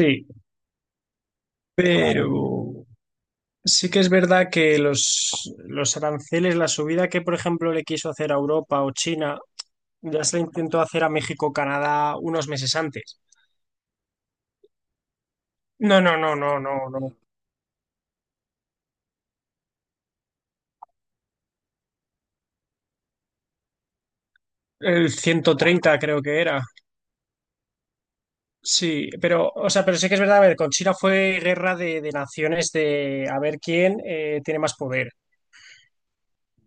Sí, pero sí que es verdad que los aranceles, la subida que, por ejemplo, le quiso hacer a Europa o China, ya se la intentó hacer a México, Canadá unos meses antes. No, no, no, no, no, no. El ciento treinta creo que era. Sí, pero, o sea, pero sí que es verdad, a ver, con China fue guerra de naciones de a ver quién tiene más poder.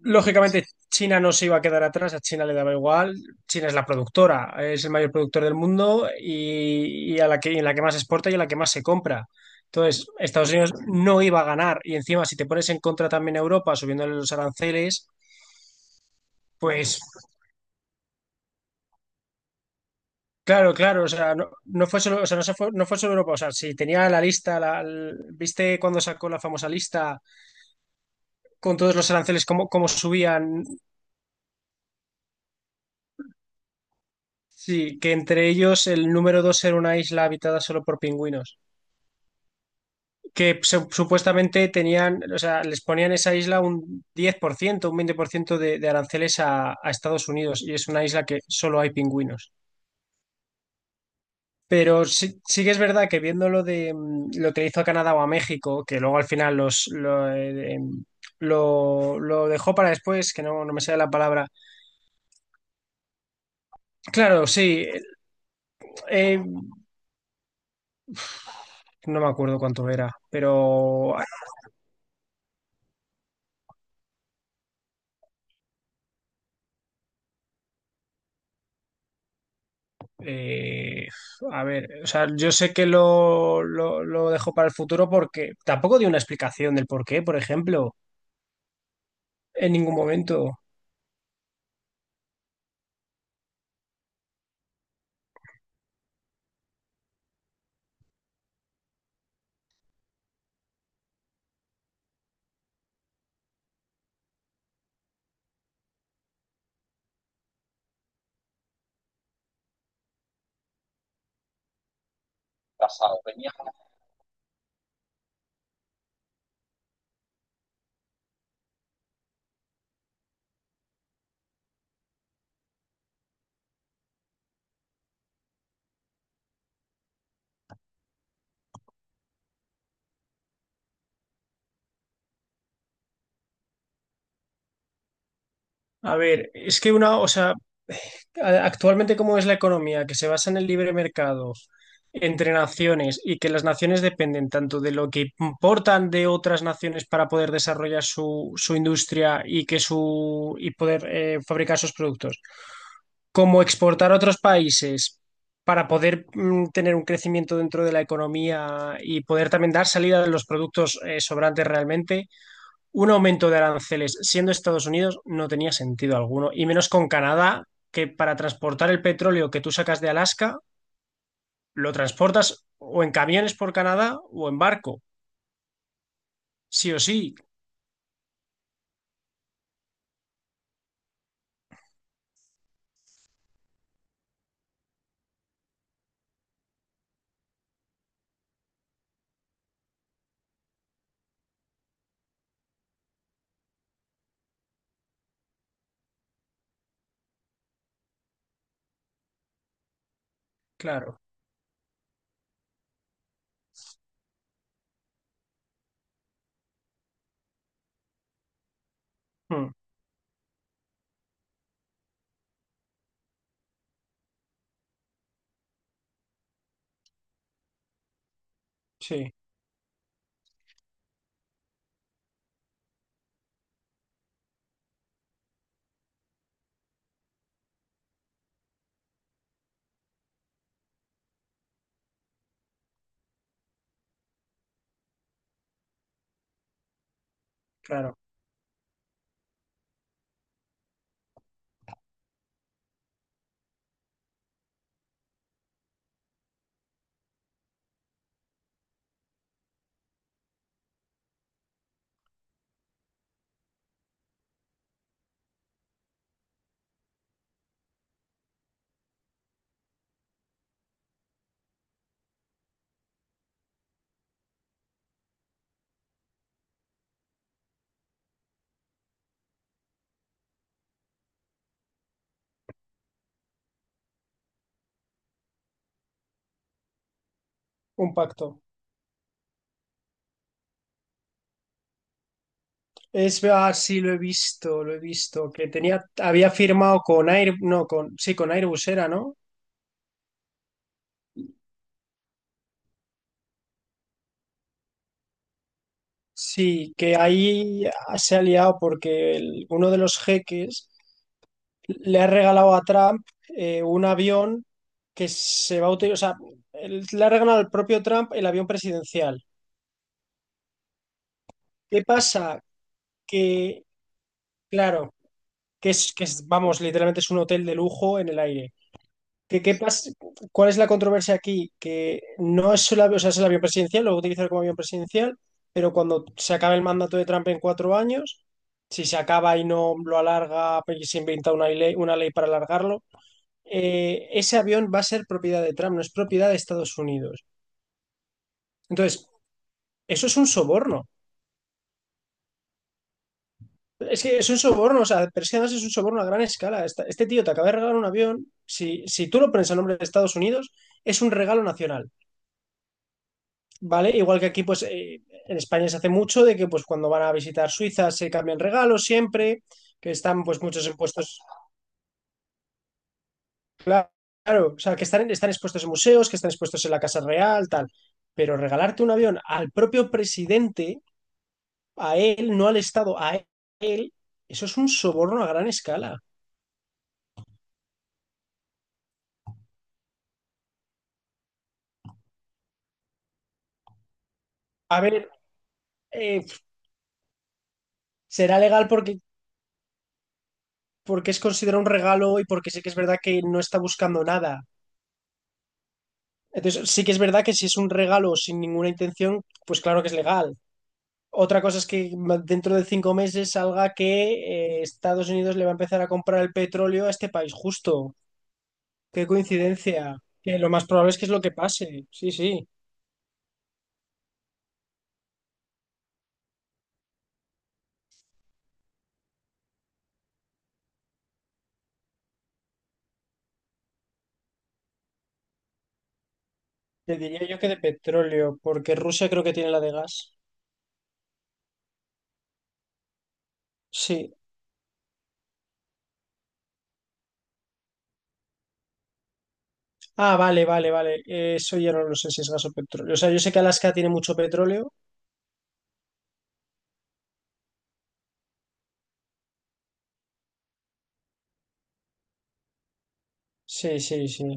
Lógicamente, China no se iba a quedar atrás, a China le daba igual. China es la productora, es el mayor productor del mundo y a la que, y en la que más exporta y en la que más se compra. Entonces, Estados Unidos no iba a ganar. Y encima, si te pones en contra también a Europa subiéndole los aranceles, pues claro, claro, o sea, no, no fue solo, o sea, no, se fue, no fue solo Europa. O sea, si tenía la lista, la, ¿viste cuando sacó la famosa lista con todos los aranceles, cómo, cómo subían? Sí, que entre ellos el número dos era una isla habitada solo por pingüinos. Que supuestamente tenían, o sea, les ponían esa isla un 10%, un 20% de aranceles a Estados Unidos y es una isla que solo hay pingüinos. Pero sí, sí que es verdad que viendo lo de lo que le hizo a Canadá o a México, que luego al final los lo, lo dejó para después, que no, no me sale la palabra. Claro, sí, eh, no me acuerdo cuánto era, pero Eh, a ver, o sea, yo sé que lo dejo para el futuro porque tampoco dio una explicación del por qué, por ejemplo, en ningún momento. A ver, es que una, o sea, actualmente cómo es la economía, que se basa en el libre mercado entre naciones y que las naciones dependen tanto de lo que importan de otras naciones para poder desarrollar su, su industria y que su y poder fabricar sus productos como exportar a otros países para poder tener un crecimiento dentro de la economía y poder también dar salida de los productos sobrantes realmente, un aumento de aranceles siendo Estados Unidos no tenía sentido alguno, y menos con Canadá, que para transportar el petróleo que tú sacas de Alaska, lo transportas o en camiones por Canadá o en barco, sí o sí, claro. Mm, sí, claro. Un pacto. Es sí, lo he visto, que tenía, había firmado con Air, no, con, sí, con Airbus era, ¿no? Sí, que ahí se ha liado porque uno de los jeques le ha regalado a Trump un avión que se va a utilizar, o sea, le ha regalado al propio Trump el avión presidencial. ¿Qué pasa? Que, claro, que es, vamos, literalmente es un hotel de lujo en el aire. ¿Qué, qué pasa? ¿Cuál es la controversia aquí? Que no es solo, o sea, es el avión presidencial, lo va a utilizar como avión presidencial, pero cuando se acabe el mandato de Trump en cuatro años, si se acaba y no lo alarga, pues, y se inventa una ley para alargarlo, ese avión va a ser propiedad de Trump, no es propiedad de Estados Unidos. Entonces, eso es un soborno. Es que es un soborno, o sea, pero es que además es un soborno a gran escala. Este tío te acaba de regalar un avión, si, si tú lo pones a nombre de Estados Unidos, es un regalo nacional. ¿Vale? Igual que aquí, pues en España se hace mucho de que pues cuando van a visitar Suiza se cambian regalos siempre, que están pues muchos impuestos, claro, claro, o sea, que están, están expuestos en museos, que están expuestos en la Casa Real, tal. Pero regalarte un avión al propio presidente, a él, no al Estado, a él, eso es un soborno a gran escala. A ver, eh, será legal porque, porque es considerado un regalo y porque sí que es verdad que no está buscando nada. Entonces, sí que es verdad que si es un regalo sin ninguna intención, pues claro que es legal. Otra cosa es que dentro de cinco meses salga que Estados Unidos le va a empezar a comprar el petróleo a este país, justo. Qué coincidencia. Que lo más probable es que es lo que pase. Sí, sí. Te diría yo que de petróleo, porque Rusia creo que tiene la de gas. Sí. Ah, vale, vale, vale. Eso ya no lo sé si es gas o petróleo. O sea, yo sé que Alaska tiene mucho petróleo. Sí, sí, sí.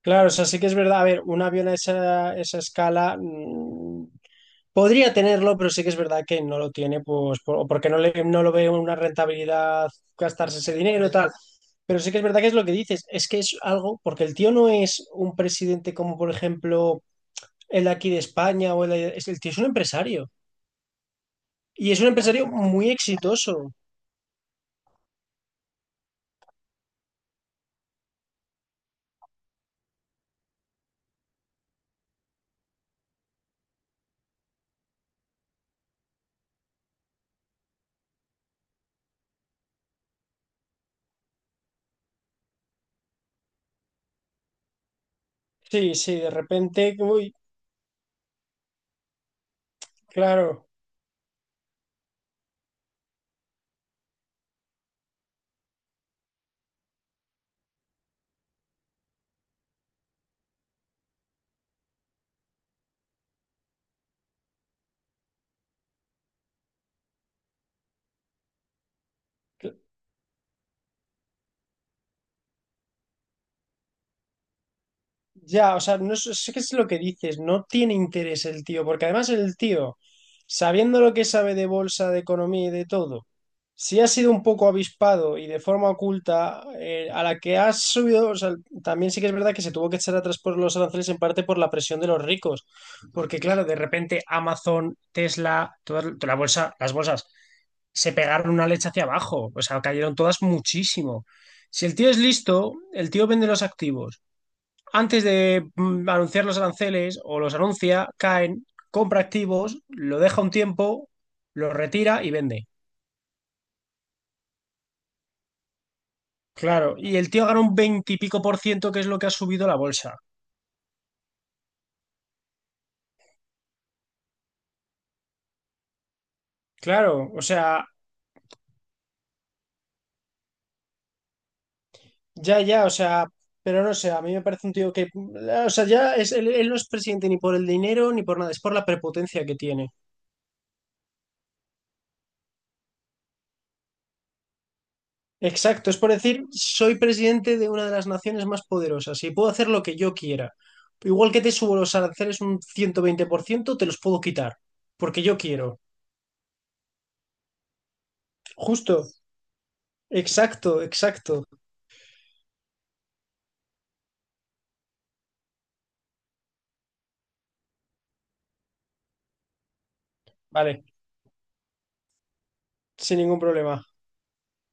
Claro, o sea, sí que es verdad. A ver, un avión a esa, esa escala. Podría tenerlo, pero sí que es verdad que no lo tiene, pues, o porque no le, no lo ve una rentabilidad gastarse ese dinero y tal. Pero sí que es verdad que es lo que dices, es que es algo, porque el tío no es un presidente como, por ejemplo, el de aquí de España, o el, el tío es un empresario. Y es un empresario muy exitoso. Sí, sí, de repente, uy, claro. Ya, o sea, no sé sé qué es lo que dices, no tiene interés el tío, porque además el tío, sabiendo lo que sabe de bolsa, de economía y de todo, si ha sido un poco avispado y de forma oculta, a la que ha subido, o sea, también sí que es verdad que se tuvo que echar atrás por los aranceles en parte por la presión de los ricos, porque claro, de repente Amazon, Tesla, toda la bolsa, las bolsas se pegaron una leche hacia abajo, o sea, cayeron todas muchísimo. Si el tío es listo, el tío vende los activos antes de anunciar los aranceles o los anuncia, caen, compra activos, lo deja un tiempo, lo retira y vende. Claro, y el tío gana un veintipico por ciento, que es lo que ha subido la bolsa. Claro, o sea, ya, ya, o sea, pero no sé, a mí me parece un tío que, o sea, ya es, él no es presidente ni por el dinero ni por nada, es por la prepotencia que tiene. Exacto, es por decir, soy presidente de una de las naciones más poderosas y puedo hacer lo que yo quiera. Igual que te subo los aranceles un 120%, te los puedo quitar, porque yo quiero. Justo, exacto, exacto. Vale, sin ningún problema.